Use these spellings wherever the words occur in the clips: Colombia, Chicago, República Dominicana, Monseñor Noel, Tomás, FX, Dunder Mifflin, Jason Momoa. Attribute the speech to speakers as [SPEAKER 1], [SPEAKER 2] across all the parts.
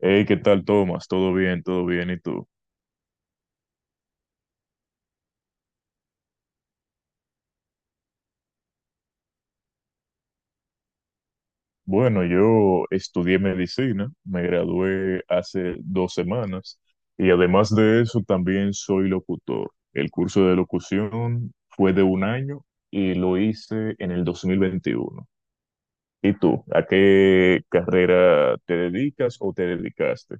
[SPEAKER 1] Hey, ¿qué tal, Tomás? ¿Todo bien? ¿Todo bien? ¿Y tú? Bueno, yo estudié medicina, me gradué hace 2 semanas y además de eso también soy locutor. El curso de locución fue de 1 año y lo hice en el 2021. ¿Y tú? ¿A qué carrera te dedicas o te dedicaste?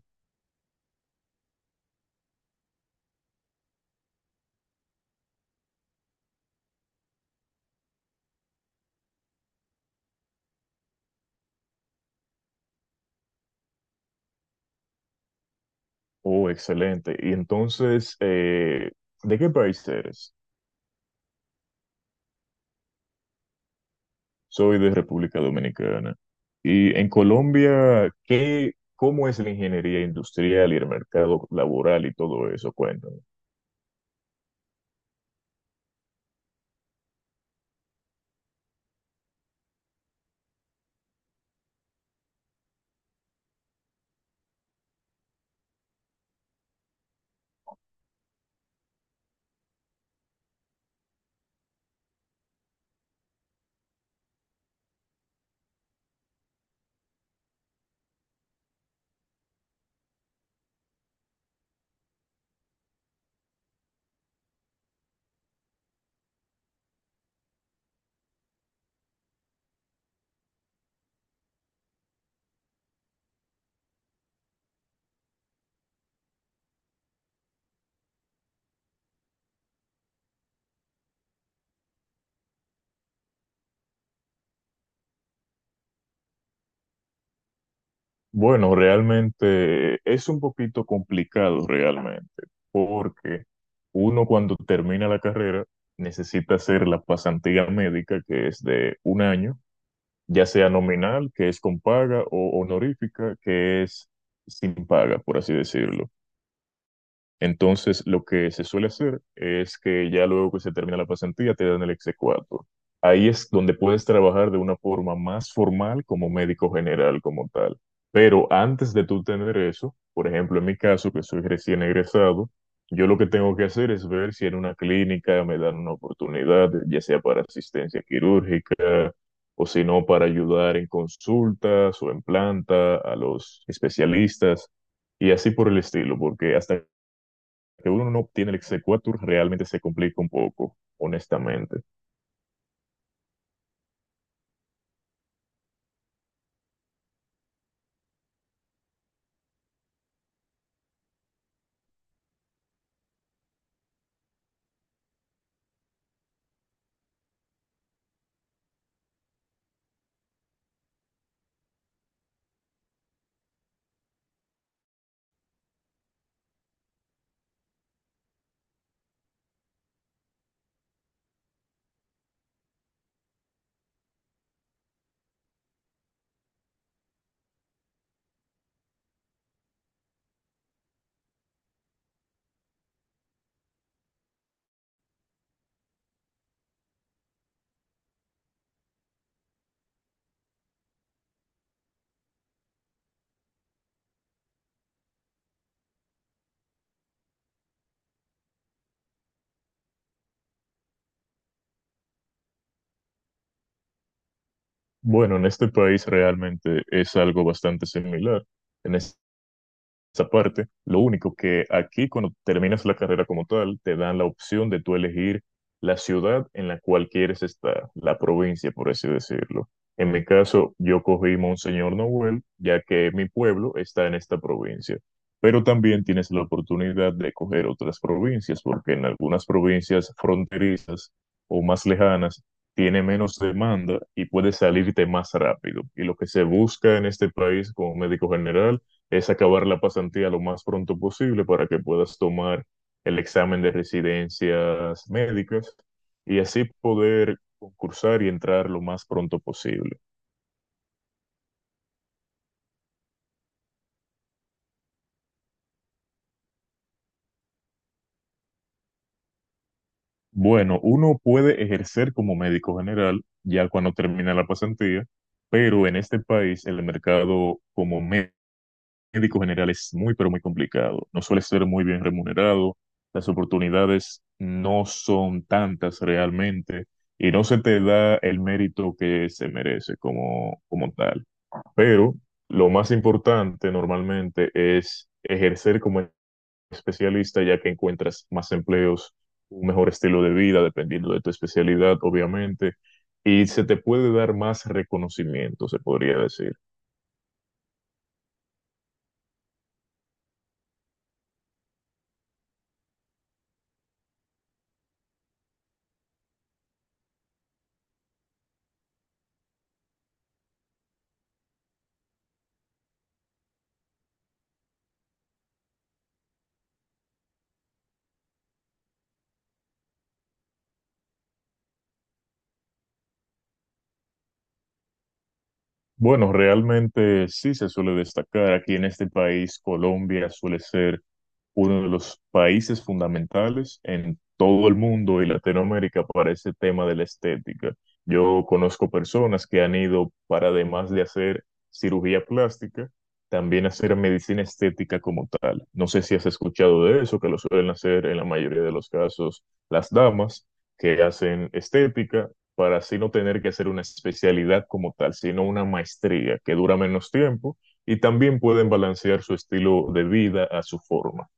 [SPEAKER 1] Oh, excelente. Y entonces, ¿de qué país eres? Soy de República Dominicana. Y en Colombia, ¿qué, cómo es la ingeniería industrial y el mercado laboral y todo eso? Cuéntame. Bueno, realmente es un poquito complicado realmente, porque uno cuando termina la carrera necesita hacer la pasantía médica, que es de 1 año, ya sea nominal, que es con paga, o honorífica, que es sin paga, por así decirlo. Entonces, lo que se suele hacer es que ya luego que se termina la pasantía te dan el exequatur. Ahí es donde puedes trabajar de una forma más formal como médico general, como tal. Pero antes de tú tener eso, por ejemplo, en mi caso, que soy recién egresado, yo lo que tengo que hacer es ver si en una clínica me dan una oportunidad, ya sea para asistencia quirúrgica o si no para ayudar en consultas o en planta a los especialistas y así por el estilo, porque hasta que uno no obtiene el exequatur realmente se complica un poco, honestamente. Bueno, en este país realmente es algo bastante similar. En es- Esa parte, lo único que aquí cuando terminas la carrera como tal, te dan la opción de tú elegir la ciudad en la cual quieres estar, la provincia, por así decirlo. En mi caso, yo cogí Monseñor Noel, ya que mi pueblo está en esta provincia, pero también tienes la oportunidad de coger otras provincias, porque en algunas provincias fronterizas o más lejanas tiene menos demanda y puedes salirte más rápido. Y lo que se busca en este país como médico general es acabar la pasantía lo más pronto posible para que puedas tomar el examen de residencias médicas y así poder concursar y entrar lo más pronto posible. Bueno, uno puede ejercer como médico general ya cuando termina la pasantía, pero en este país el mercado como médico general es muy, pero muy complicado. No suele ser muy bien remunerado. Las oportunidades no son tantas realmente y no se te da el mérito que se merece como, como tal. Pero lo más importante normalmente es ejercer como especialista ya que encuentras más empleos, un mejor estilo de vida, dependiendo de tu especialidad, obviamente, y se te puede dar más reconocimiento, se podría decir. Bueno, realmente sí se suele destacar aquí en este país, Colombia suele ser uno de los países fundamentales en todo el mundo y Latinoamérica para ese tema de la estética. Yo conozco personas que han ido para, además de hacer cirugía plástica, también hacer medicina estética como tal. No sé si has escuchado de eso, que lo suelen hacer en la mayoría de los casos las damas que hacen estética para así no tener que hacer una especialidad como tal, sino una maestría que dura menos tiempo y también pueden balancear su estilo de vida a su forma.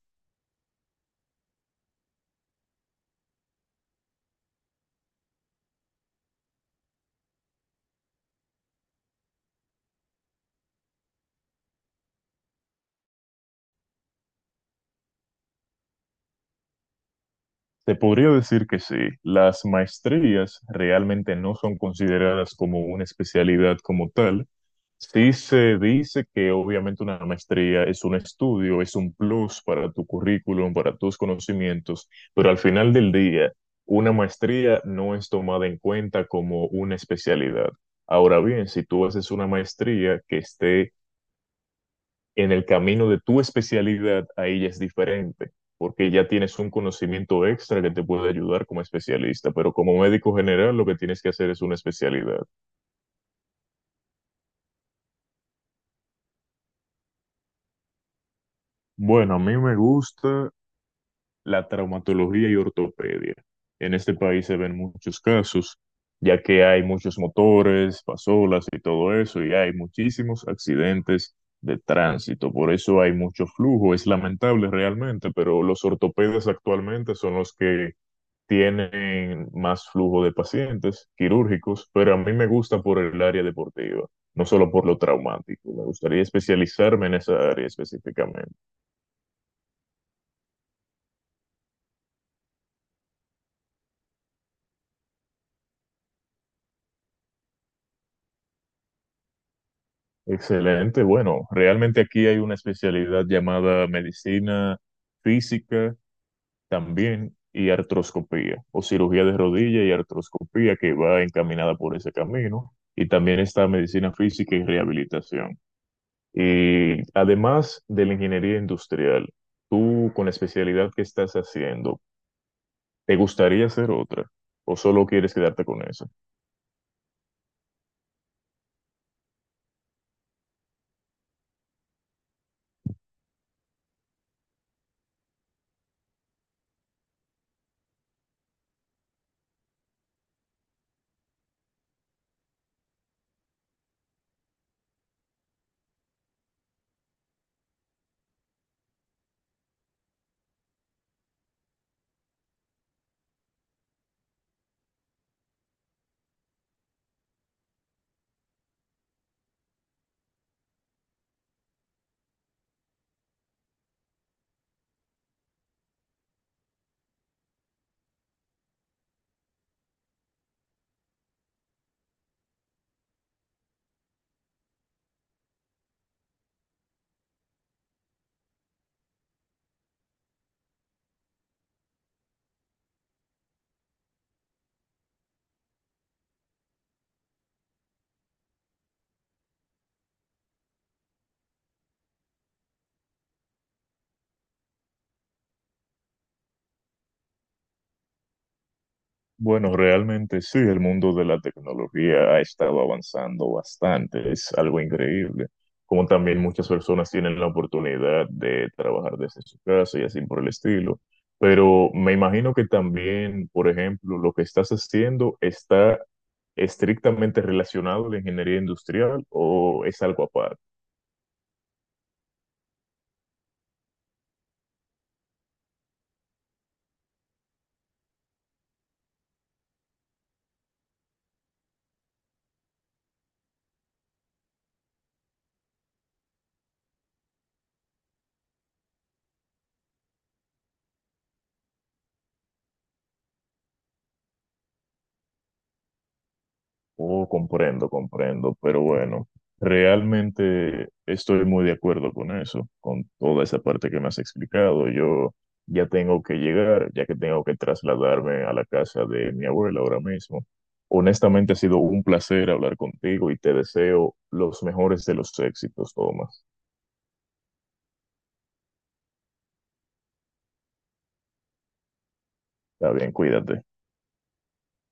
[SPEAKER 1] Se podría decir que sí, las maestrías realmente no son consideradas como una especialidad como tal. Sí se dice que obviamente una maestría es un estudio, es un plus para tu currículum, para tus conocimientos, pero al final del día, una maestría no es tomada en cuenta como una especialidad. Ahora bien, si tú haces una maestría que esté en el camino de tu especialidad, ahí ya es diferente, porque ya tienes un conocimiento extra que te puede ayudar como especialista, pero como médico general lo que tienes que hacer es una especialidad. Bueno, a mí me gusta la traumatología y ortopedia. En este país se ven muchos casos, ya que hay muchos motores, pasolas y todo eso, y hay muchísimos accidentes de tránsito. Por eso hay mucho flujo. Es lamentable realmente, pero los ortopedas actualmente son los que tienen más flujo de pacientes quirúrgicos, pero a mí me gusta por el área deportiva, no solo por lo traumático. Me gustaría especializarme en esa área específicamente. Excelente. Bueno, realmente aquí hay una especialidad llamada medicina física también y artroscopía o cirugía de rodilla y artroscopía que va encaminada por ese camino y también está medicina física y rehabilitación. Y además de la ingeniería industrial, tú con la especialidad que estás haciendo, ¿te gustaría hacer otra o solo quieres quedarte con eso? Bueno, realmente sí, el mundo de la tecnología ha estado avanzando bastante, es algo increíble. Como también muchas personas tienen la oportunidad de trabajar desde su casa y así por el estilo. Pero me imagino que también, por ejemplo, lo que estás haciendo está estrictamente relacionado a la ingeniería industrial o es algo aparte. Oh, comprendo, comprendo, pero bueno, realmente estoy muy de acuerdo con eso, con toda esa parte que me has explicado. Yo ya tengo que llegar, ya que tengo que trasladarme a la casa de mi abuela ahora mismo. Honestamente ha sido un placer hablar contigo y te deseo los mejores de los éxitos, Tomás. Está bien, cuídate.